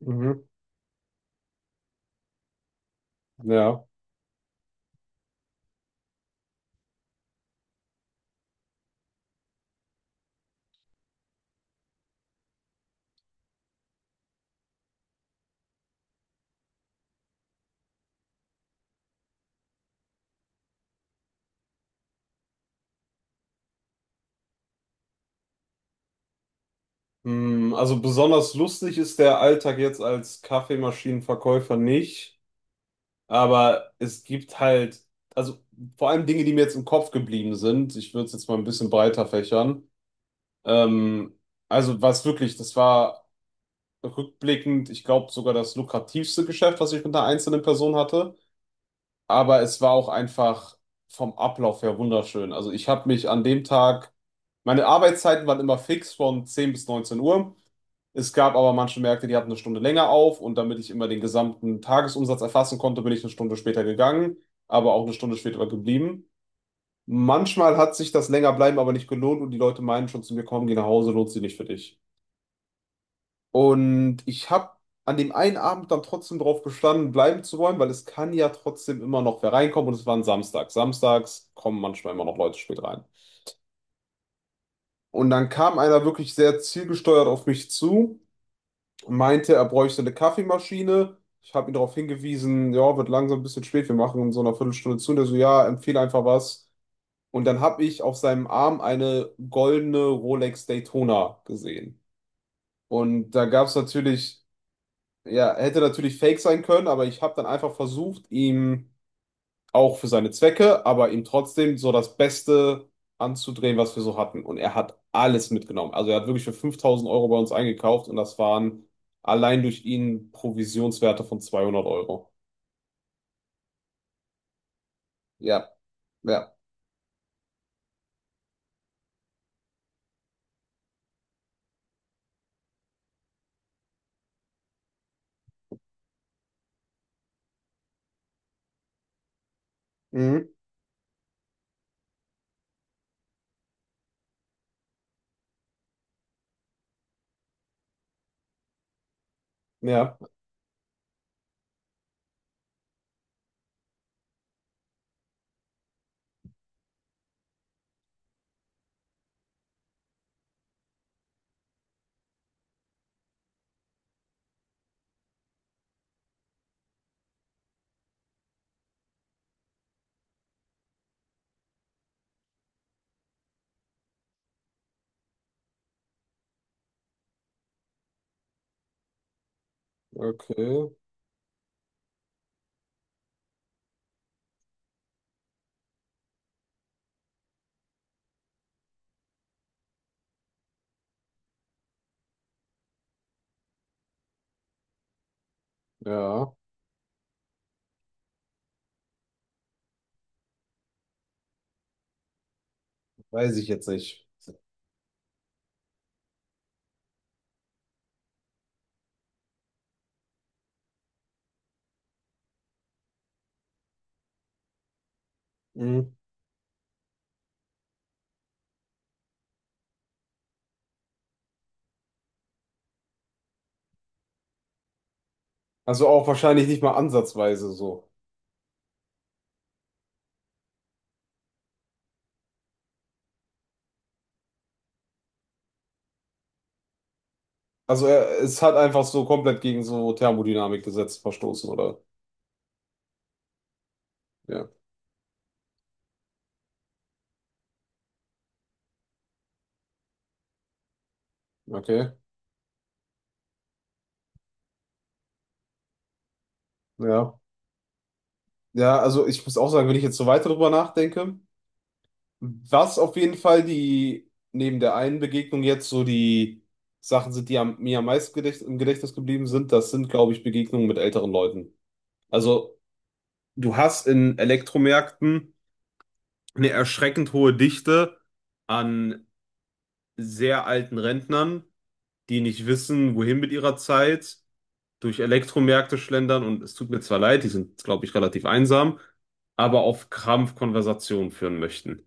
Mhm. Ja. Hm, also besonders lustig ist der Alltag jetzt als Kaffeemaschinenverkäufer nicht, aber es gibt halt, also vor allem Dinge, die mir jetzt im Kopf geblieben sind. Ich würde es jetzt mal ein bisschen breiter fächern. Ähm, also was wirklich, das war rückblickend, ich glaube sogar das lukrativste Geschäft, was ich mit einer einzelnen Person hatte. Aber es war auch einfach vom Ablauf her wunderschön. Also ich habe mich an dem Tag, meine Arbeitszeiten waren immer fix von 10 bis 19 Uhr. Es gab aber manche Märkte, die hatten eine Stunde länger auf, und damit ich immer den gesamten Tagesumsatz erfassen konnte, bin ich eine Stunde später gegangen, aber auch eine Stunde später geblieben. Manchmal hat sich das länger bleiben aber nicht gelohnt, und die Leute meinen schon zu mir, komm, geh nach Hause, lohnt sich nicht für dich. Und ich habe an dem einen Abend dann trotzdem drauf bestanden, bleiben zu wollen, weil es kann ja trotzdem immer noch wer reinkommen, und es war ein Samstag. Samstags kommen manchmal immer noch Leute spät rein. Und dann kam einer wirklich sehr zielgesteuert auf mich zu, meinte, er bräuchte eine Kaffeemaschine. Ich habe ihn darauf hingewiesen, ja, wird langsam ein bisschen spät, wir machen in so einer Viertelstunde zu. Und er so, ja, empfehle einfach was. Und dann habe ich auf seinem Arm eine goldene Rolex Daytona gesehen. Und da gab es natürlich, ja, hätte natürlich fake sein können, aber ich habe dann einfach versucht, ihm auch für seine Zwecke, aber ihm trotzdem so das Beste anzudrehen, was wir so hatten. Und er hat alles mitgenommen. Also er hat wirklich für 5000€ bei uns eingekauft, und das waren allein durch ihn Provisionswerte von 200€. Ja, ja. Mhm. Ja, okay, ja, weiß ich jetzt nicht. Mhm. Also auch wahrscheinlich nicht mal ansatzweise so. Also er, es hat einfach so komplett gegen so Thermodynamikgesetz verstoßen, oder? Ja. Okay, ja. Ja, also ich muss auch sagen, wenn ich jetzt so weiter drüber nachdenke, was auf jeden Fall die, neben der einen Begegnung jetzt so die Sachen sind, die am, mir am meisten im Gedächtnis geblieben sind, das sind, glaube ich, Begegnungen mit älteren Leuten. Also du hast in Elektromärkten eine erschreckend hohe Dichte an sehr alten Rentnern, die nicht wissen, wohin mit ihrer Zeit, durch Elektromärkte schlendern, und es tut mir zwar leid, die sind, glaube ich, relativ einsam, aber auf Krampf Konversationen führen möchten.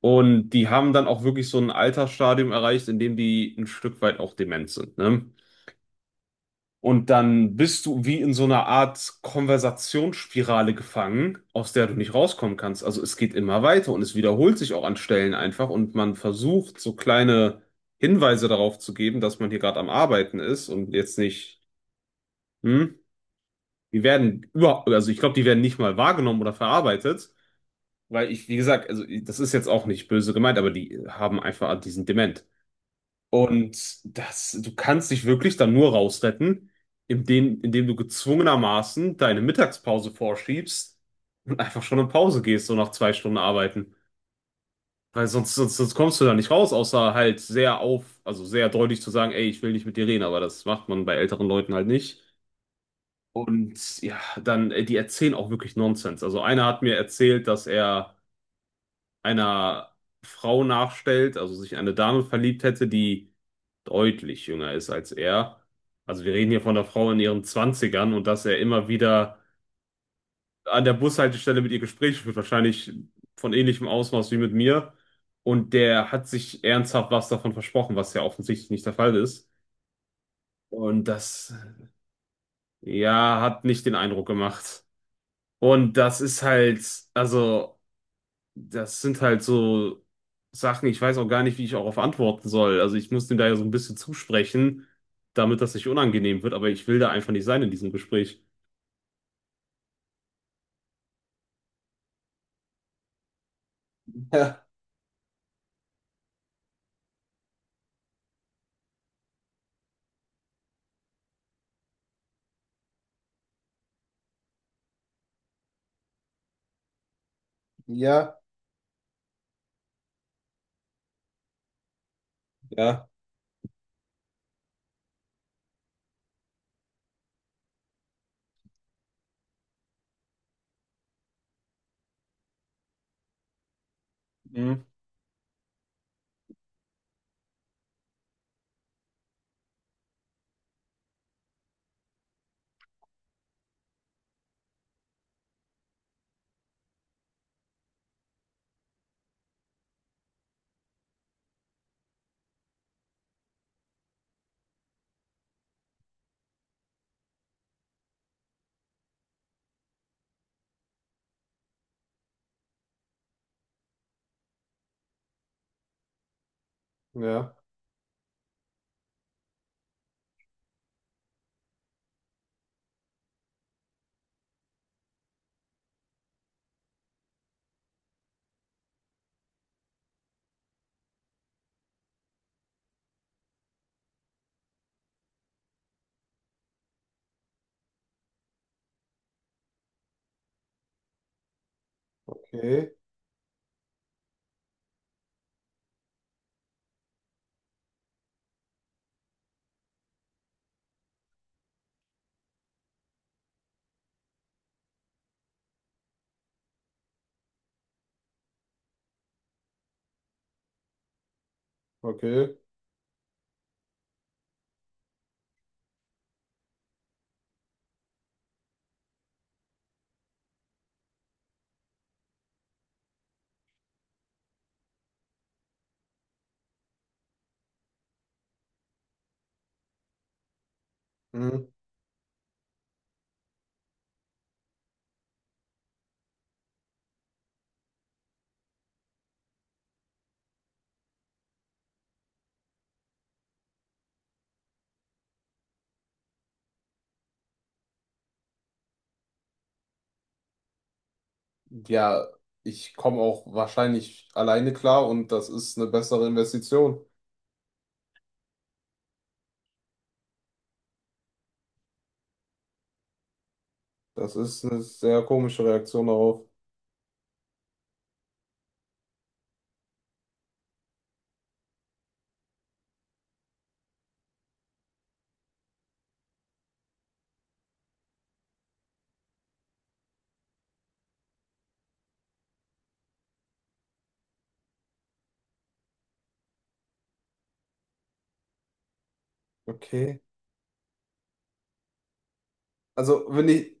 Und die haben dann auch wirklich so ein Altersstadium erreicht, in dem die ein Stück weit auch dement sind, ne? Und dann bist du wie in so einer Art Konversationsspirale gefangen, aus der du nicht rauskommen kannst. Also es geht immer weiter und es wiederholt sich auch an Stellen einfach, und man versucht so kleine Hinweise darauf zu geben, dass man hier gerade am Arbeiten ist und jetzt nicht, hm? Die werden überhaupt, also ich glaube, die werden nicht mal wahrgenommen oder verarbeitet, weil ich, wie gesagt, also das ist jetzt auch nicht böse gemeint, aber die haben einfach diesen Dement. Und das, du kannst dich wirklich dann nur rausretten, indem du gezwungenermaßen deine Mittagspause vorschiebst und einfach schon in Pause gehst, so nach 2 Stunden arbeiten. Weil sonst kommst du da nicht raus, außer halt sehr auf, also sehr deutlich zu sagen, ey, ich will nicht mit dir reden, aber das macht man bei älteren Leuten halt nicht. Und ja, dann, die erzählen auch wirklich Nonsens. Also einer hat mir erzählt, dass er einer Frau nachstellt, also sich in eine Dame verliebt hätte, die deutlich jünger ist als er. Also wir reden hier von einer Frau in ihren Zwanzigern, und dass er immer wieder an der Bushaltestelle mit ihr Gespräche führt, wahrscheinlich von ähnlichem Ausmaß wie mit mir. Und der hat sich ernsthaft was davon versprochen, was ja offensichtlich nicht der Fall ist. Und das, ja, hat nicht den Eindruck gemacht. Und das ist halt, also, das sind halt so Sachen, ich weiß auch gar nicht, wie ich darauf antworten soll. Also ich muss dem da ja so ein bisschen zusprechen, damit das nicht unangenehm wird, aber ich will da einfach nicht sein in diesem Gespräch. Ja, ja, ja, mhm, ja, okay, okay. Hm. Ja, ich komme auch wahrscheinlich alleine klar, und das ist eine bessere Investition. Das ist eine sehr komische Reaktion darauf. Okay. Also, wenn ich,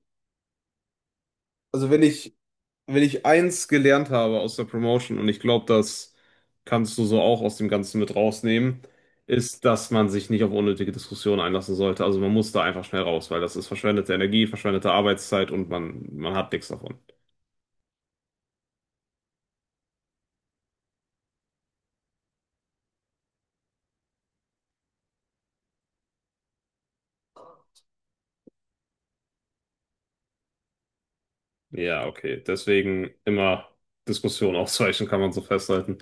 also wenn ich Wenn ich eins gelernt habe aus der Promotion, und ich glaube, das kannst du so auch aus dem Ganzen mit rausnehmen, ist, dass man sich nicht auf unnötige Diskussionen einlassen sollte. Also man muss da einfach schnell raus, weil das ist verschwendete Energie, verschwendete Arbeitszeit, und man hat nichts davon. Ja, okay. Deswegen immer Diskussion ausweichen, kann man so festhalten.